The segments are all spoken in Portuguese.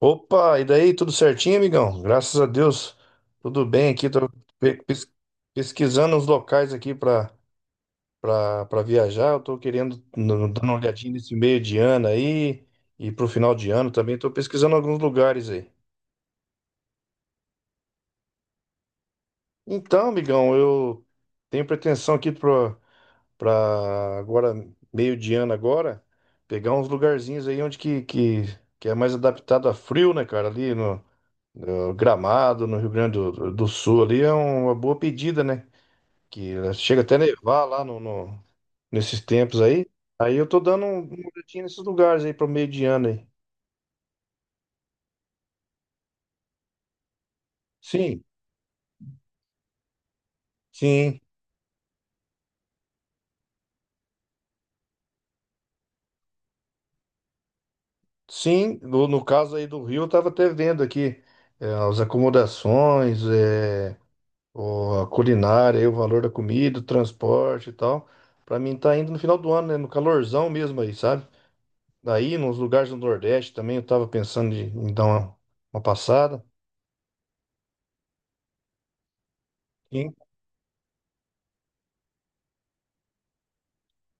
Opa, e daí, tudo certinho, amigão? Graças a Deus, tudo bem aqui. Tô pe- pes- pesquisando os locais aqui para viajar. Eu tô querendo dar uma olhadinha nesse meio de ano aí e pro final de ano também. Tô pesquisando alguns lugares aí. Então, amigão, eu tenho pretensão aqui para agora meio de ano agora pegar uns lugarzinhos aí onde que é mais adaptado a frio, né, cara? Ali no O Gramado, no Rio Grande do Sul, ali é uma boa pedida, né? Que chega até nevar lá nesses tempos aí. Aí eu tô dando um boletim nesses lugares aí pro meio de ano aí. Sim, sim, sim. No caso aí do Rio, eu tava até vendo aqui, as acomodações, a culinária, aí, o valor da comida, o transporte e tal. Pra mim tá indo no final do ano, né? No calorzão mesmo aí, sabe? Daí, nos lugares do Nordeste também, eu tava pensando em dar uma passada. Sim,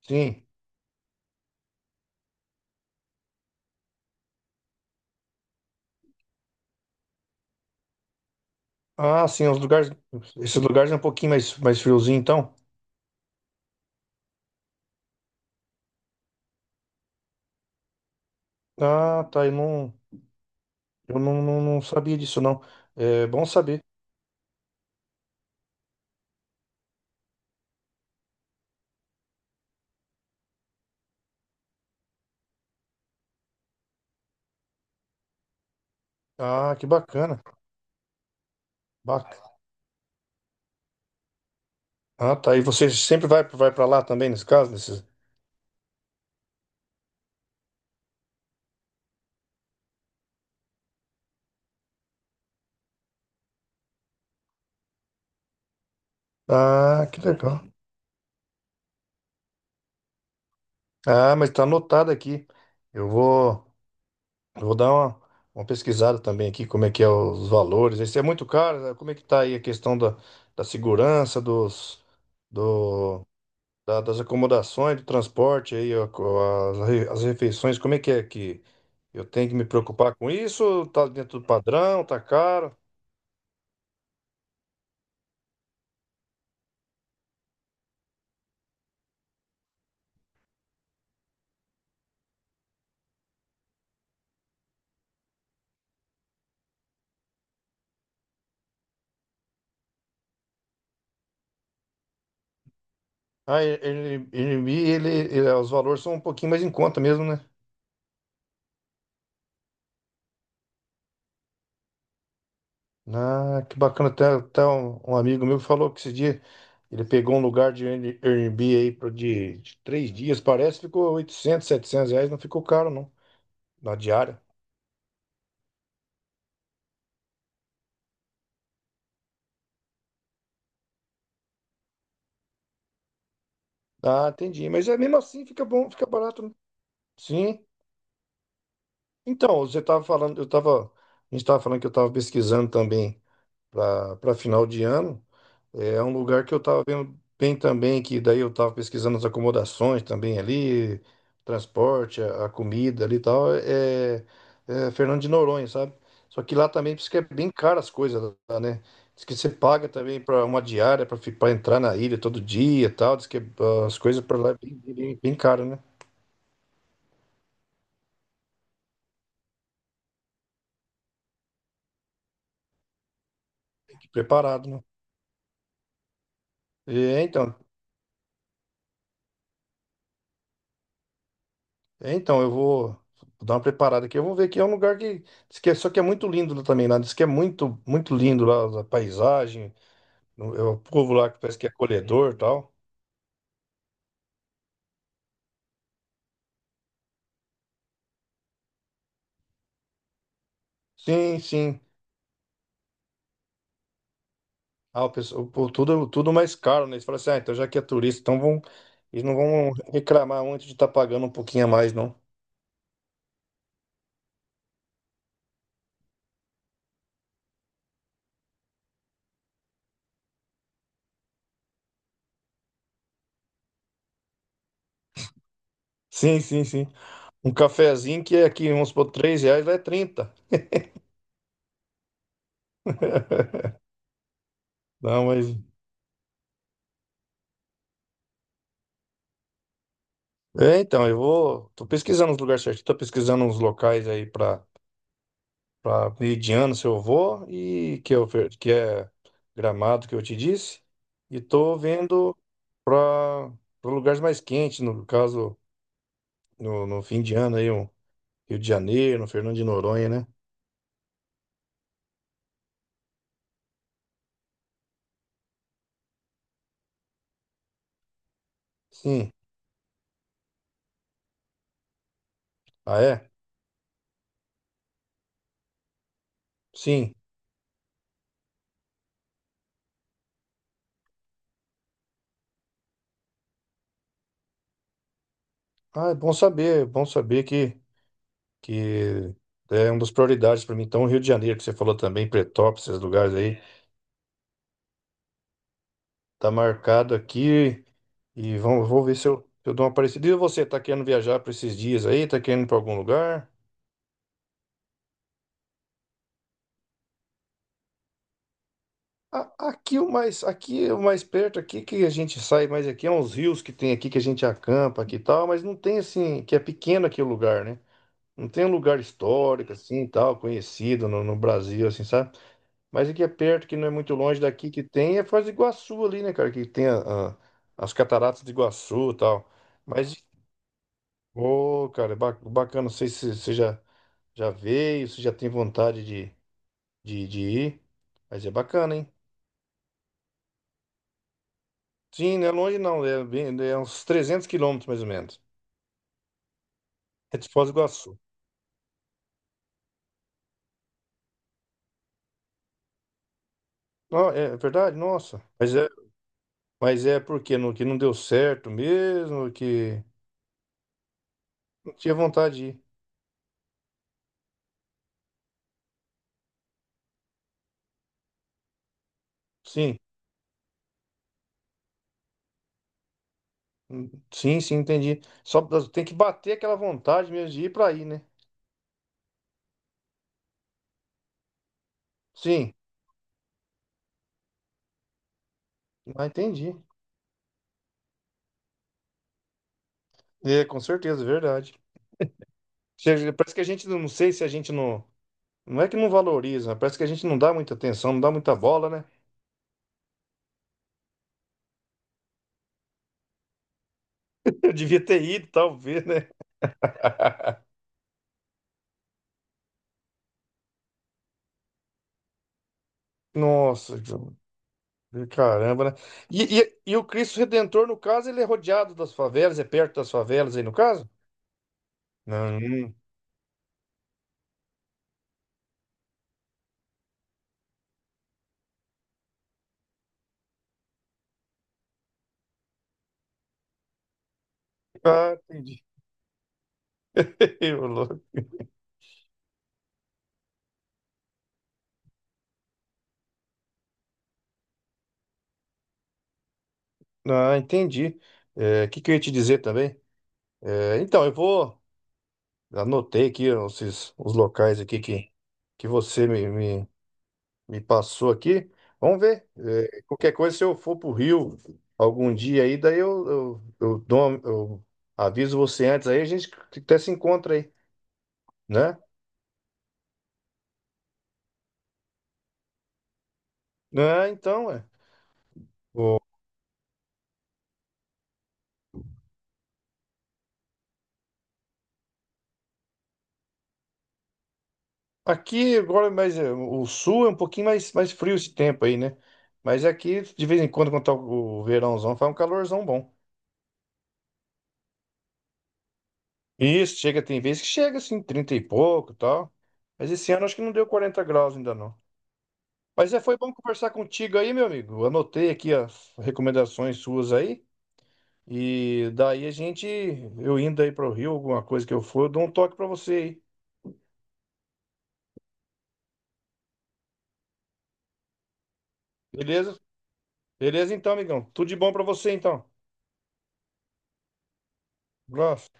sim. Ah, sim, os lugares. Esses lugares é um pouquinho mais friozinho, então. Ah, tá. Eu não, não, não sabia disso, não. É bom saber. Ah, que bacana. Bac- Ah, tá. E você sempre vai para lá também, nesse caso? Ah, que legal. Ah, mas tá anotado aqui. Eu vou, eu vou dar uma pesquisada também aqui, como é que é os valores. Isso é muito caro, né? Como é que tá aí a questão da segurança, do, das acomodações, do transporte aí, ó, as refeições, como é que eu tenho que me preocupar com isso? Tá dentro do padrão, tá caro? Ah, os valores são um pouquinho mais em conta mesmo, né? Ah, que bacana, até um amigo meu falou que esse dia ele pegou um lugar de Airbnb aí de 3 dias, parece, ficou 800, R$ 700, não ficou caro não, na diária. Ah, entendi, mas é mesmo assim fica bom, fica barato, né? Sim. Então, você estava falando, eu estava, a gente estava falando que eu estava pesquisando também para final de ano. É um lugar que eu estava vendo bem também, que daí eu estava pesquisando as acomodações também ali, transporte, a comida ali e tal. É Fernando de Noronha, sabe? Só que lá também diz que é bem caro as coisas lá, né? Diz que você paga também para uma diária para entrar na ilha todo dia e tal. Diz que as coisas para lá é bem, bem, bem caro, né? Preparado, né? É, então, É, então, eu vou dar uma preparada aqui. Eu vou ver aqui. É um lugar que, diz que só que é muito lindo lá também lá. Diz que é muito, muito lindo lá, a paisagem, o povo lá que parece que é acolhedor e tal. Sim, sim. Ah, o pessoal, pô, tudo, tudo mais caro, né? Eles falam assim, ah, então já que é turista, então eles não vão reclamar muito de estar pagando um pouquinho a mais, não. Sim, sim, sim. Um cafezinho que é aqui, vamos supor, R$ 3, lá é 30. Não, mas. É, então, eu vou. Tô pesquisando os lugares certinhos, tô pesquisando uns locais aí pra. Para Meridiano, seu avô, o que é Gramado que eu te disse. E tô vendo para lugares mais quentes, no caso, no fim de ano aí, um Rio de Janeiro, um Fernando de Noronha, né? Sim. Ah, é? Sim. Ah, é bom saber que é uma das prioridades para mim. Então, o Rio de Janeiro, que você falou também, Pretópolis, esses lugares aí, tá marcado aqui e vou ver se eu dou uma parecida. E você, tá querendo viajar para esses dias aí? Tá querendo ir para algum lugar? Aqui o mais perto aqui que a gente sai mais aqui é uns rios que tem aqui que a gente acampa aqui e tal, mas não tem assim, que é pequeno aqui o lugar, né? Não tem um lugar histórico assim, e tal, conhecido no Brasil assim, sabe? Mas aqui é perto, que não é muito longe daqui que tem é Foz do Iguaçu ali, né, cara, que tem as cataratas de Iguaçu, e tal. Mas ô, cara, bacana, não sei se você já veio, se já tem vontade de ir, mas é bacana, hein? Sim, não é longe não, é uns 300 quilômetros mais ou menos. É de Foz do Iguaçu. Não, é verdade? Nossa. Mas é porque não, que não deu certo mesmo, que não tinha vontade de ir. Sim, sim, sim, entendi. Tem que bater aquela vontade mesmo de ir para aí, né? Sim, ah, entendi. É, com certeza, é verdade. Parece que a gente, não sei se a gente não. Não é que não valoriza, parece que a gente não dá muita atenção, não dá muita bola, né? Eu devia ter ido, talvez, né? Nossa, caramba, né? E o Cristo Redentor, no caso, ele é rodeado das favelas, é perto das favelas aí, no caso? Não. Hum. Ah, entendi. Ô, louco. Ah, entendi. É, o que eu ia te dizer também? É, então, eu vou. Anotei aqui esses, os locais aqui que você me passou aqui. Vamos ver. É, qualquer coisa, se eu for pro Rio algum dia aí, daí eu aviso você antes aí, a gente até se encontra aí, né? Ah, então, é. Aqui agora mais o sul é um pouquinho mais frio esse tempo aí, né? Mas aqui, de vez em quando, quando tá o verãozão, faz um calorzão bom. Isso, chega, tem vezes que chega assim, 30 e pouco e tal. Mas esse ano acho que não deu 40 graus ainda não. Foi bom conversar contigo aí, meu amigo. Anotei aqui as recomendações suas aí. E daí a gente, eu indo aí pro Rio, alguma coisa que eu for, eu dou um toque pra você aí. Beleza? Beleza então, amigão. Tudo de bom pra você então. Um abraço.